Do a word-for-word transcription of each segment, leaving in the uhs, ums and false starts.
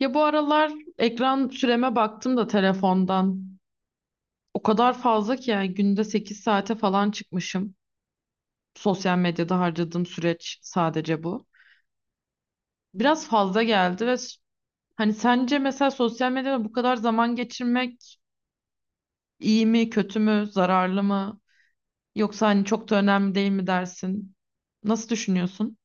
Ya bu aralar ekran süreme baktım da telefondan. O kadar fazla ki yani günde sekiz saate falan çıkmışım. Sosyal medyada harcadığım süreç sadece bu. Biraz fazla geldi ve s- hani sence mesela sosyal medyada bu kadar zaman geçirmek iyi mi, kötü mü, zararlı mı? Yoksa hani çok da önemli değil mi dersin? Nasıl düşünüyorsun?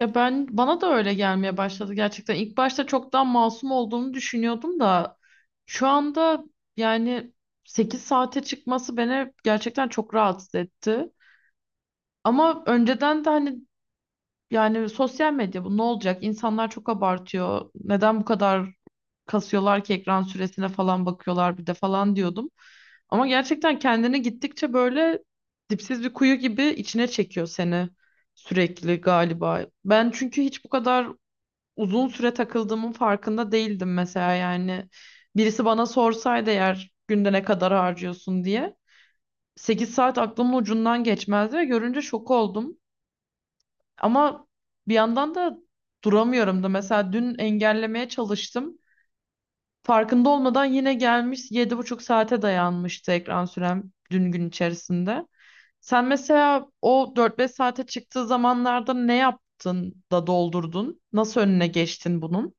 Ya ben bana da öyle gelmeye başladı gerçekten. İlk başta çok daha masum olduğunu düşünüyordum da şu anda yani sekiz saate çıkması beni gerçekten çok rahatsız etti. Ama önceden de hani yani sosyal medya bu ne olacak? İnsanlar çok abartıyor. Neden bu kadar kasıyorlar ki ekran süresine falan bakıyorlar bir de falan diyordum. Ama gerçekten kendine gittikçe böyle dipsiz bir kuyu gibi içine çekiyor seni sürekli galiba. Ben çünkü hiç bu kadar uzun süre takıldığımın farkında değildim mesela yani. Birisi bana sorsaydı eğer günde ne kadar harcıyorsun diye sekiz saat aklımın ucundan geçmezdi ve görünce şok oldum. Ama bir yandan da duramıyorum da mesela dün engellemeye çalıştım. Farkında olmadan yine gelmiş yedi buçuk saate dayanmıştı ekran sürem dün gün içerisinde. Sen mesela o dört beş saate çıktığı zamanlarda ne yaptın da doldurdun? Nasıl önüne geçtin bunun?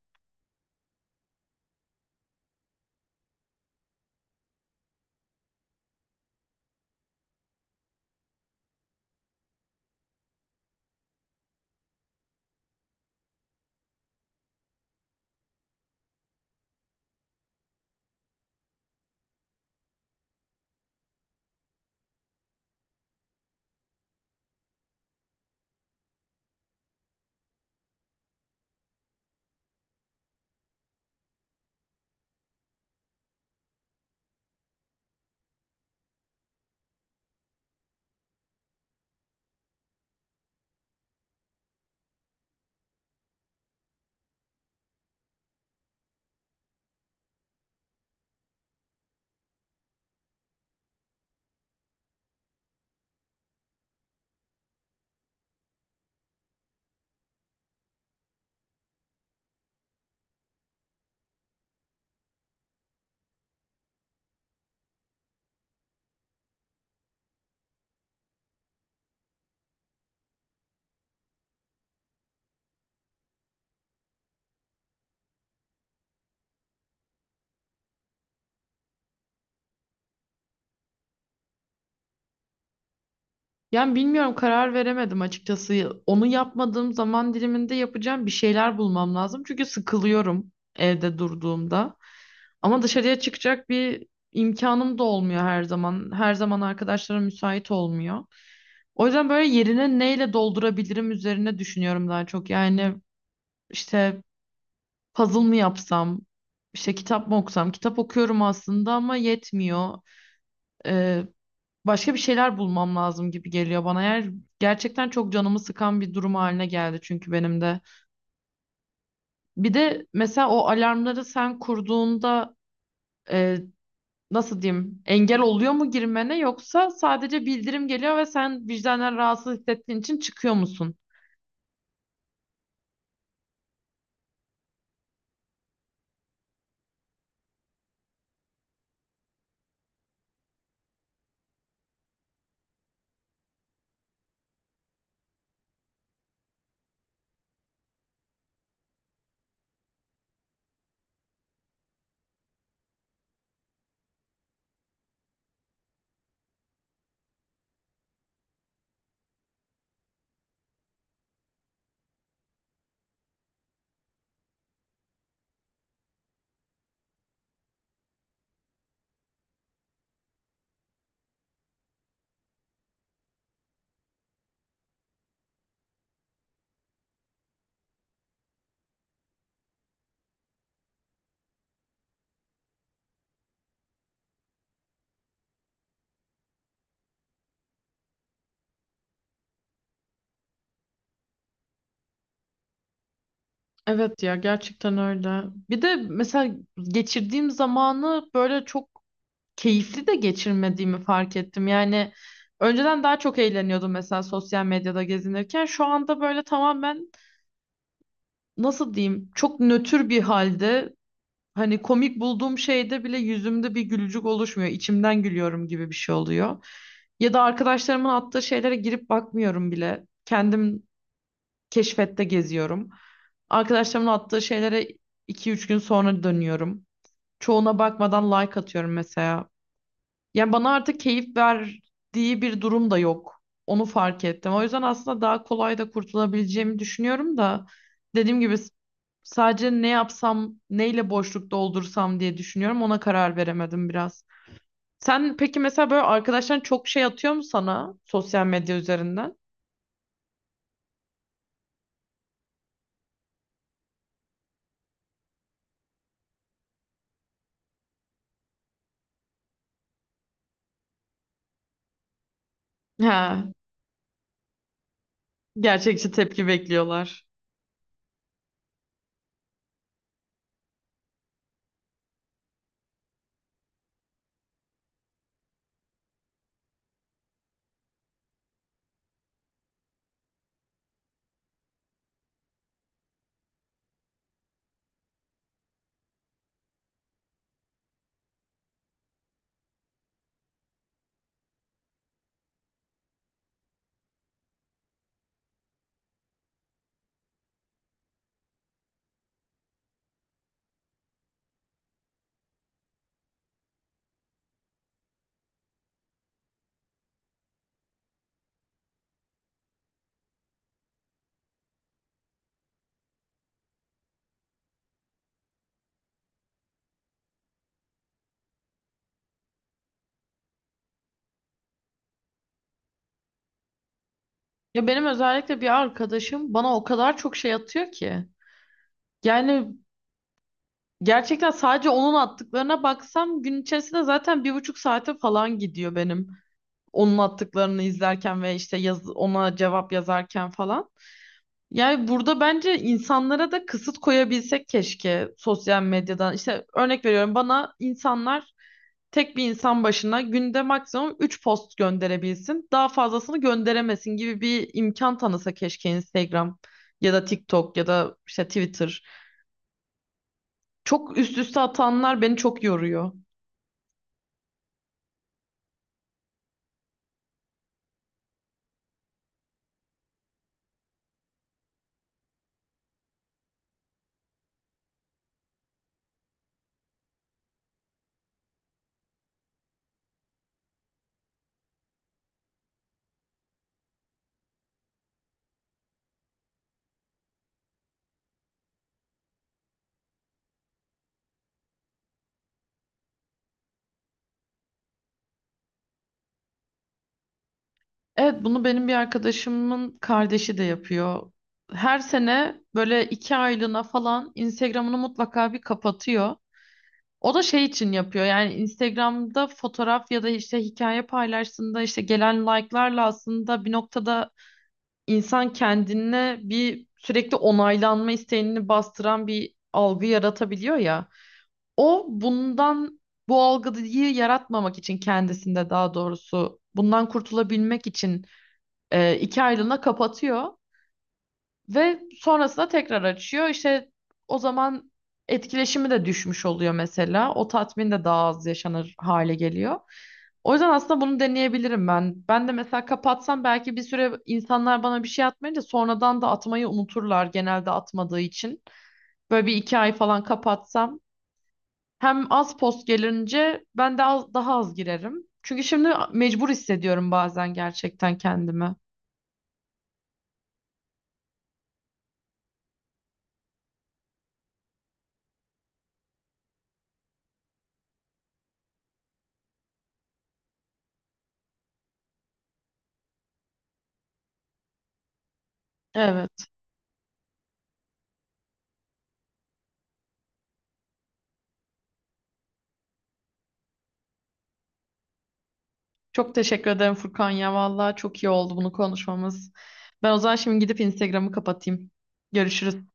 Yani bilmiyorum karar veremedim açıkçası. Onu yapmadığım zaman diliminde yapacağım bir şeyler bulmam lazım. Çünkü sıkılıyorum evde durduğumda. Ama dışarıya çıkacak bir imkanım da olmuyor her zaman. Her zaman arkadaşlara müsait olmuyor. O yüzden böyle yerine neyle doldurabilirim üzerine düşünüyorum daha çok. Yani işte puzzle mı yapsam, işte kitap mı okusam? Kitap okuyorum aslında ama yetmiyor. Ee, Başka bir şeyler bulmam lazım gibi geliyor bana. Eğer gerçekten çok canımı sıkan bir durum haline geldi çünkü benim de. Bir de mesela o alarmları sen kurduğunda e, nasıl diyeyim engel oluyor mu girmene yoksa sadece bildirim geliyor ve sen vicdanen rahatsız hissettiğin için çıkıyor musun? Evet ya gerçekten öyle. Bir de mesela geçirdiğim zamanı böyle çok keyifli de geçirmediğimi fark ettim. Yani önceden daha çok eğleniyordum mesela sosyal medyada gezinirken. Şu anda böyle tamamen nasıl diyeyim çok nötr bir halde hani komik bulduğum şeyde bile yüzümde bir gülücük oluşmuyor. İçimden gülüyorum gibi bir şey oluyor. Ya da arkadaşlarımın attığı şeylere girip bakmıyorum bile. Kendim keşfette geziyorum. Arkadaşlarımın attığı şeylere iki üç gün sonra dönüyorum. Çoğuna bakmadan like atıyorum mesela. Yani bana artık keyif verdiği bir durum da yok. Onu fark ettim. O yüzden aslında daha kolay da kurtulabileceğimi düşünüyorum da dediğim gibi s- sadece ne yapsam, neyle boşluk doldursam diye düşünüyorum. Ona karar veremedim biraz. Sen peki mesela böyle arkadaşların çok şey atıyor mu sana sosyal medya üzerinden? Ha, gerçekçi tepki bekliyorlar. Ya benim özellikle bir arkadaşım bana o kadar çok şey atıyor ki. Yani gerçekten sadece onun attıklarına baksam gün içerisinde zaten bir buçuk saate falan gidiyor benim. Onun attıklarını izlerken ve işte yaz, ona cevap yazarken falan. Yani burada bence insanlara da kısıt koyabilsek keşke sosyal medyadan. İşte örnek veriyorum bana insanlar tek bir insan başına günde maksimum üç post gönderebilsin. Daha fazlasını gönderemesin gibi bir imkan tanısa keşke Instagram ya da TikTok ya da işte Twitter. Çok üst üste atanlar beni çok yoruyor. Evet, bunu benim bir arkadaşımın kardeşi de yapıyor. Her sene böyle iki aylığına falan Instagram'ını mutlaka bir kapatıyor. O da şey için yapıyor yani Instagram'da fotoğraf ya da işte hikaye paylaştığında işte gelen like'larla aslında bir noktada insan kendine bir sürekli onaylanma isteğini bastıran bir algı yaratabiliyor ya. O bundan bu algıyı yaratmamak için kendisinde daha doğrusu bundan kurtulabilmek için e, iki aylığına kapatıyor. Ve sonrasında tekrar açıyor. İşte o zaman etkileşimi de düşmüş oluyor mesela. O tatmin de daha az yaşanır hale geliyor. O yüzden aslında bunu deneyebilirim ben. Ben de mesela kapatsam belki bir süre insanlar bana bir şey atmayınca sonradan da atmayı unuturlar genelde atmadığı için. Böyle bir iki ay falan kapatsam hem az post gelince ben de az, daha az girerim. Çünkü şimdi mecbur hissediyorum bazen gerçekten kendimi. Evet. Çok teşekkür ederim Furkan ya. Vallahi çok iyi oldu bunu konuşmamız. Ben o zaman şimdi gidip Instagram'ı kapatayım. Görüşürüz.